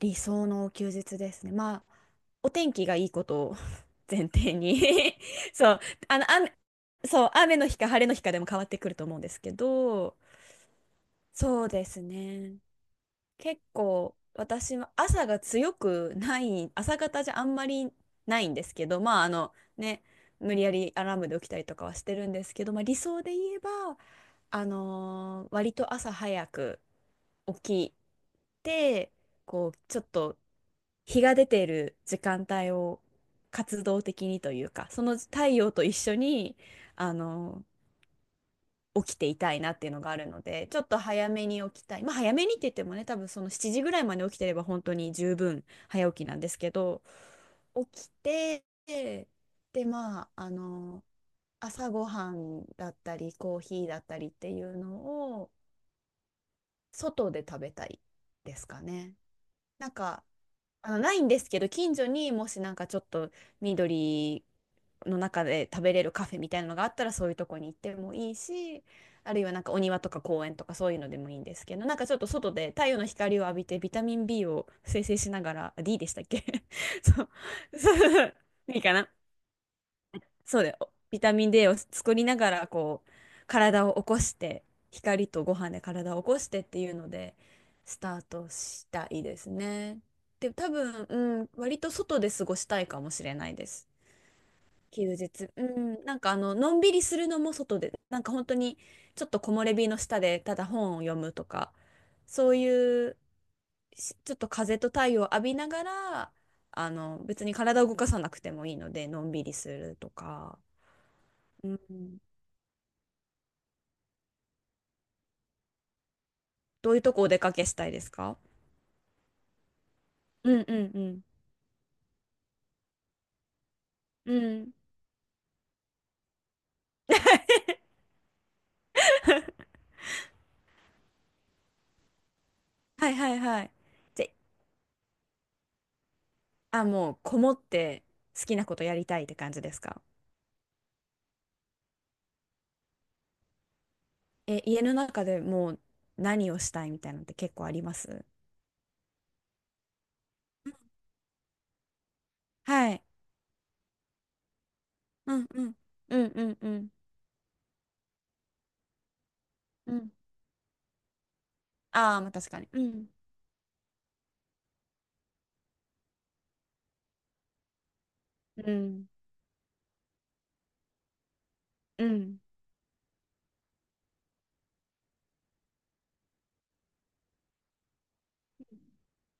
理想の休日ですね。まあ、お天気がいいことを 前提に そう、雨、そう、雨の日か晴れの日かでも変わってくると思うんですけど、そうですね。結構、私は朝が強くない、朝方じゃあんまりないんですけど、まあ、ね、無理やりアラームで起きたりとかはしてるんですけど、まあ、理想で言えば、割と朝早く起きて、こう、ちょっと、日が出ている時間帯を活動的にというか、その太陽と一緒に、あの、起きていたいなっていうのがあるので、ちょっと早めに起きたい。まあ早めにって言ってもね、多分その7時ぐらいまで起きてれば本当に十分早起きなんですけど、起きて、で、まあ、朝ごはんだったり、コーヒーだったりっていうのを、外で食べたいですかね。なんかないんですけど、近所にもしなんかちょっと緑の中で食べれるカフェみたいなのがあったら、そういうとこに行ってもいいし、あるいはなんかお庭とか公園とかそういうのでもいいんですけど、なんかちょっと外で太陽の光を浴びてビタミン B を生成しながら、あ、 D でしたっけ？ そう。そういいかな、そうだよ。ビタミン D を作りながら、こう、体を起こして、光とご飯で体を起こしてっていうので、スタートしたいですね。で、多分、うん、割と外で過ごしたいかもしれないです。休日。うん、なんかのんびりするのも外で、なんか本当に、ちょっと木漏れ日の下で、ただ本を読むとか、そういう、しちょっと風と太陽を浴びながら、別に体を動かさなくてもいいので、のんびりするとか。うん。どういうとこお出かけしたいですか？うんうんうん。うん。はいはいはい。じゃ、あ、もうこもって好きなことやりたいって感じですか？え、家の中でもう何をしたいみたいなのって結構あります？はい。うんうん。うんうんうんうん。ああ、まあ確かに。うん。うん。うん。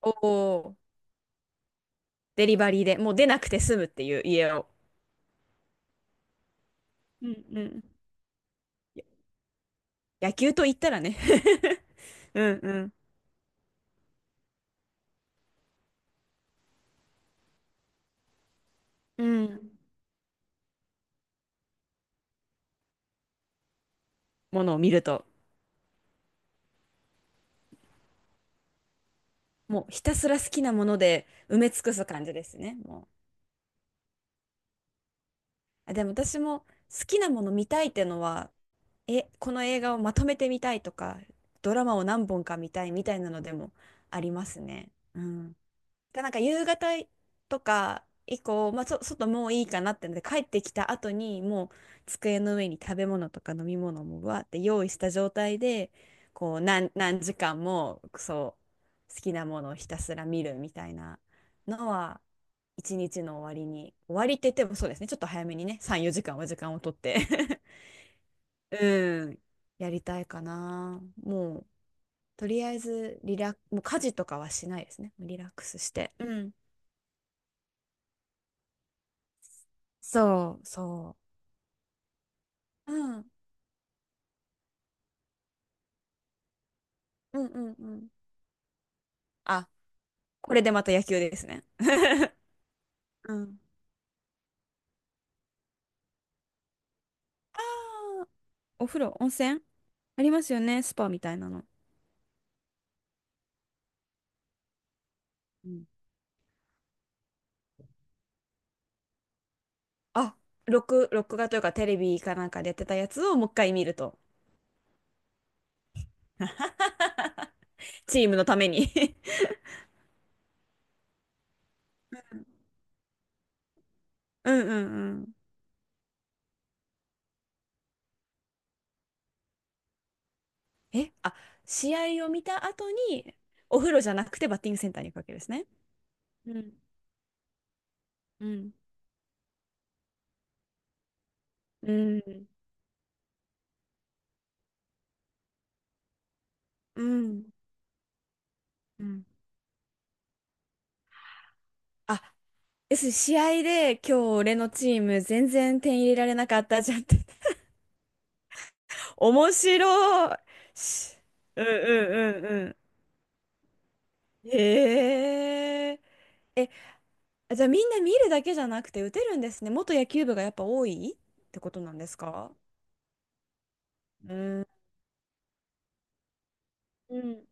お、お、デリバリーでもう出なくて済むっていう家を。うんうん。や、野球と言ったらね。 うんうん。うん。ものを見ると。もうひたすら好きなもので埋め尽くす感じですね。もう。あ、でも私も好きなもの見たいってのは、この映画をまとめてみたいとか、ドラマを何本か見たいみたいなのでもありますね。うん。が、なんか夕方とか以降、まあ、外もういいかなってので帰ってきた後にもう机の上に食べ物とか飲み物もわーって用意した状態でこう、何時間もそう好きなものをひたすら見るみたいなのは一日の終わりに、終わりって言ってもそうですね、ちょっと早めにね、3、4時間は時間をとって うん、やりたいかな。もうとりあえず、リラッ、もう家事とかはしないですね。リラックスして。うん、そう、そう。うん。うんうんうん。うん、あ、これでまた野球ですね。うん。ああ、お風呂、温泉ありますよね、スパみたいなの。うん。あ、録画というかテレビかなんかでやってたやつをもう一回見ると。チームのために うんうんうん。あ、試合を見た後に、お風呂じゃなくてバッティングセンターに行くわけですね。うんうんうん。うんうん。あ、です、試合で今日俺のチーム全然点入れられなかったじゃんって。面白い。し、うんうんうんうん。へえ。え、じゃあみんな見るだけじゃなくて打てるんですね。元野球部がやっぱ多いってことなんですか？うん。うん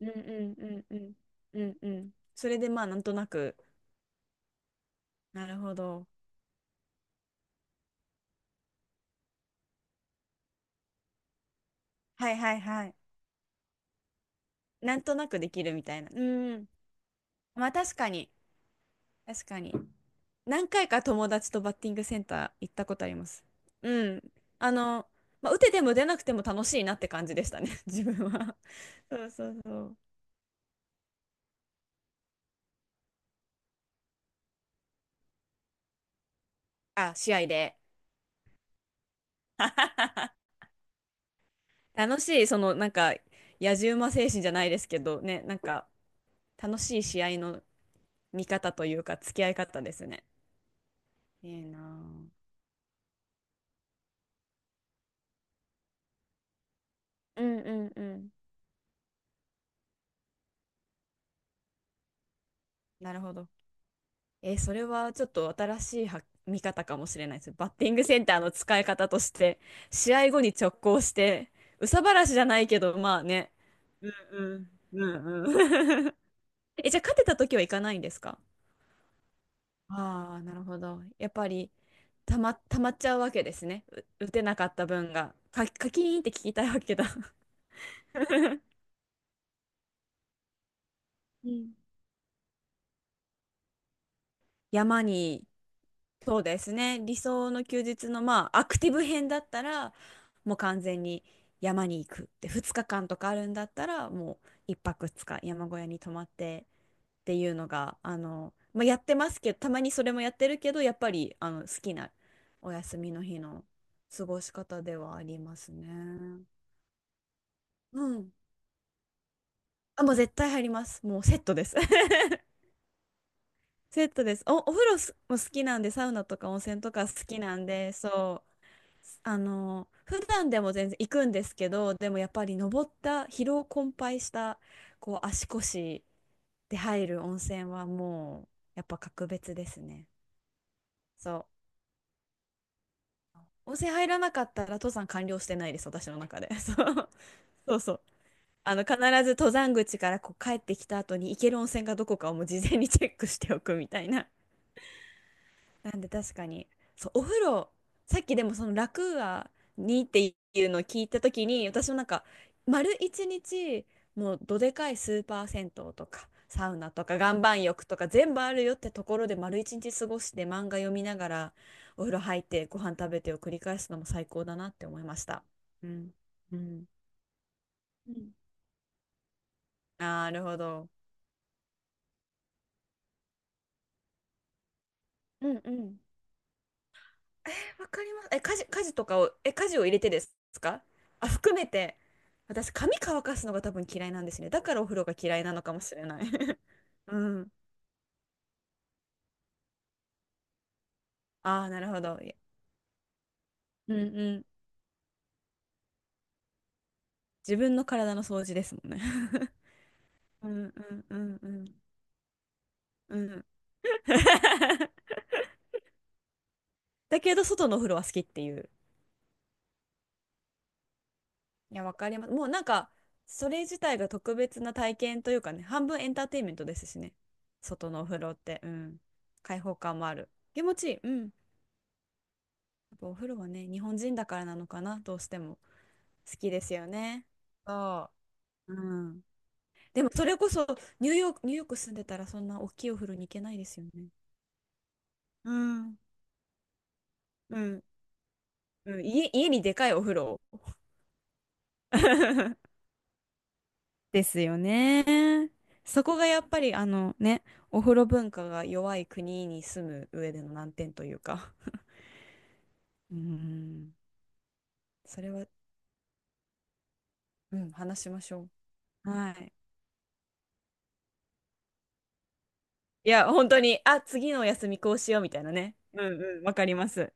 うんうんうんうんうんうん。それでまあなんとなく。なるほど。はいはいはい。なんとなくできるみたいな。うん。まあ確かに。確かに。何回か友達とバッティングセンター行ったことあります。うん。あの、まあ、打てても出なくても楽しいなって感じでしたね、自分は。そうそうそう。あ、試合で。楽しい、その、なんか、野じ馬精神じゃないですけど、ね、なんか、楽しい試合の見方というか、付き合い方ですね。いいなぁ。うんうんうん。なるほど。それはちょっと新しいは見方かもしれないです。バッティングセンターの使い方として、試合後に直行して、憂さ晴らしじゃないけど、まあね。うんうんうんうん。え、じゃあ勝てた時はいかないんですか？ああ、なるほど。やっぱり、たまっちゃうわけですね。打てなかった分が。カキーンって聞きたいわけだ。うん、山に、そうですね。理想の休日のまあアクティブ編だったらもう完全に山に行くって、2日間とかあるんだったらもう一泊2日山小屋に泊まってっていうのがまあ、やってますけどたまにそれもやってるけどやっぱりあの好きなお休みの日の過ごし方ではありますね。うん。あ、もう絶対入ります。もうセットです。セットです。お風呂すも好きなんで、サウナとか温泉とか好きなんで、そう普段でも全然行くんですけど、でもやっぱり登った疲労困憊したこう足腰で入る温泉はもう、やっぱ格別ですね。そう、温泉入らなかったら登山完了してないです、私の中で。 そう、そうそう、必ず登山口からこう帰ってきた後に行ける温泉がどこかをもう事前にチェックしておくみたいな。なんで確かに、そう、お風呂、さっきでもその楽はにっていうのを聞いたときに、私もなんか、丸一日、もうどでかいスーパー銭湯とか、サウナとか、岩盤浴とか全部あるよってところで丸一日過ごして漫画読みながら、お風呂入ってご飯食べてを繰り返すのも最高だなって思いました。うん、うん。うん、なるほど。うんうん。わかります。家事とかを、家事を入れてですか？あ、含めて、私、髪乾かすのが多分嫌いなんですね。だからお風呂が嫌いなのかもしれない。うん。ああ、なるほど。い、うんうん。自分の体の掃除ですもんね。うんうんうんうんうん。だけど、外のお風呂は好きっていう。いや、わかります。もうなんか、それ自体が特別な体験というかね、半分エンターテインメントですしね。外のお風呂って、うん。開放感もある。気持ちいい。うん。やっぱお風呂はね、日本人だからなのかな、どうしても好きですよね。そう。うん。でもそれこそ、ニューヨーク住んでたらそんな大きいお風呂に行けないですよね。うん。うん。うん、家にでかいお風呂。ですよね。そこがやっぱりあのね、お風呂文化が弱い国に住む上での難点というか。うん。それは、うん、話しましょう。はい。いや、本当に、あ、次のお休みこうしようみたいなね。うんうん、わかります。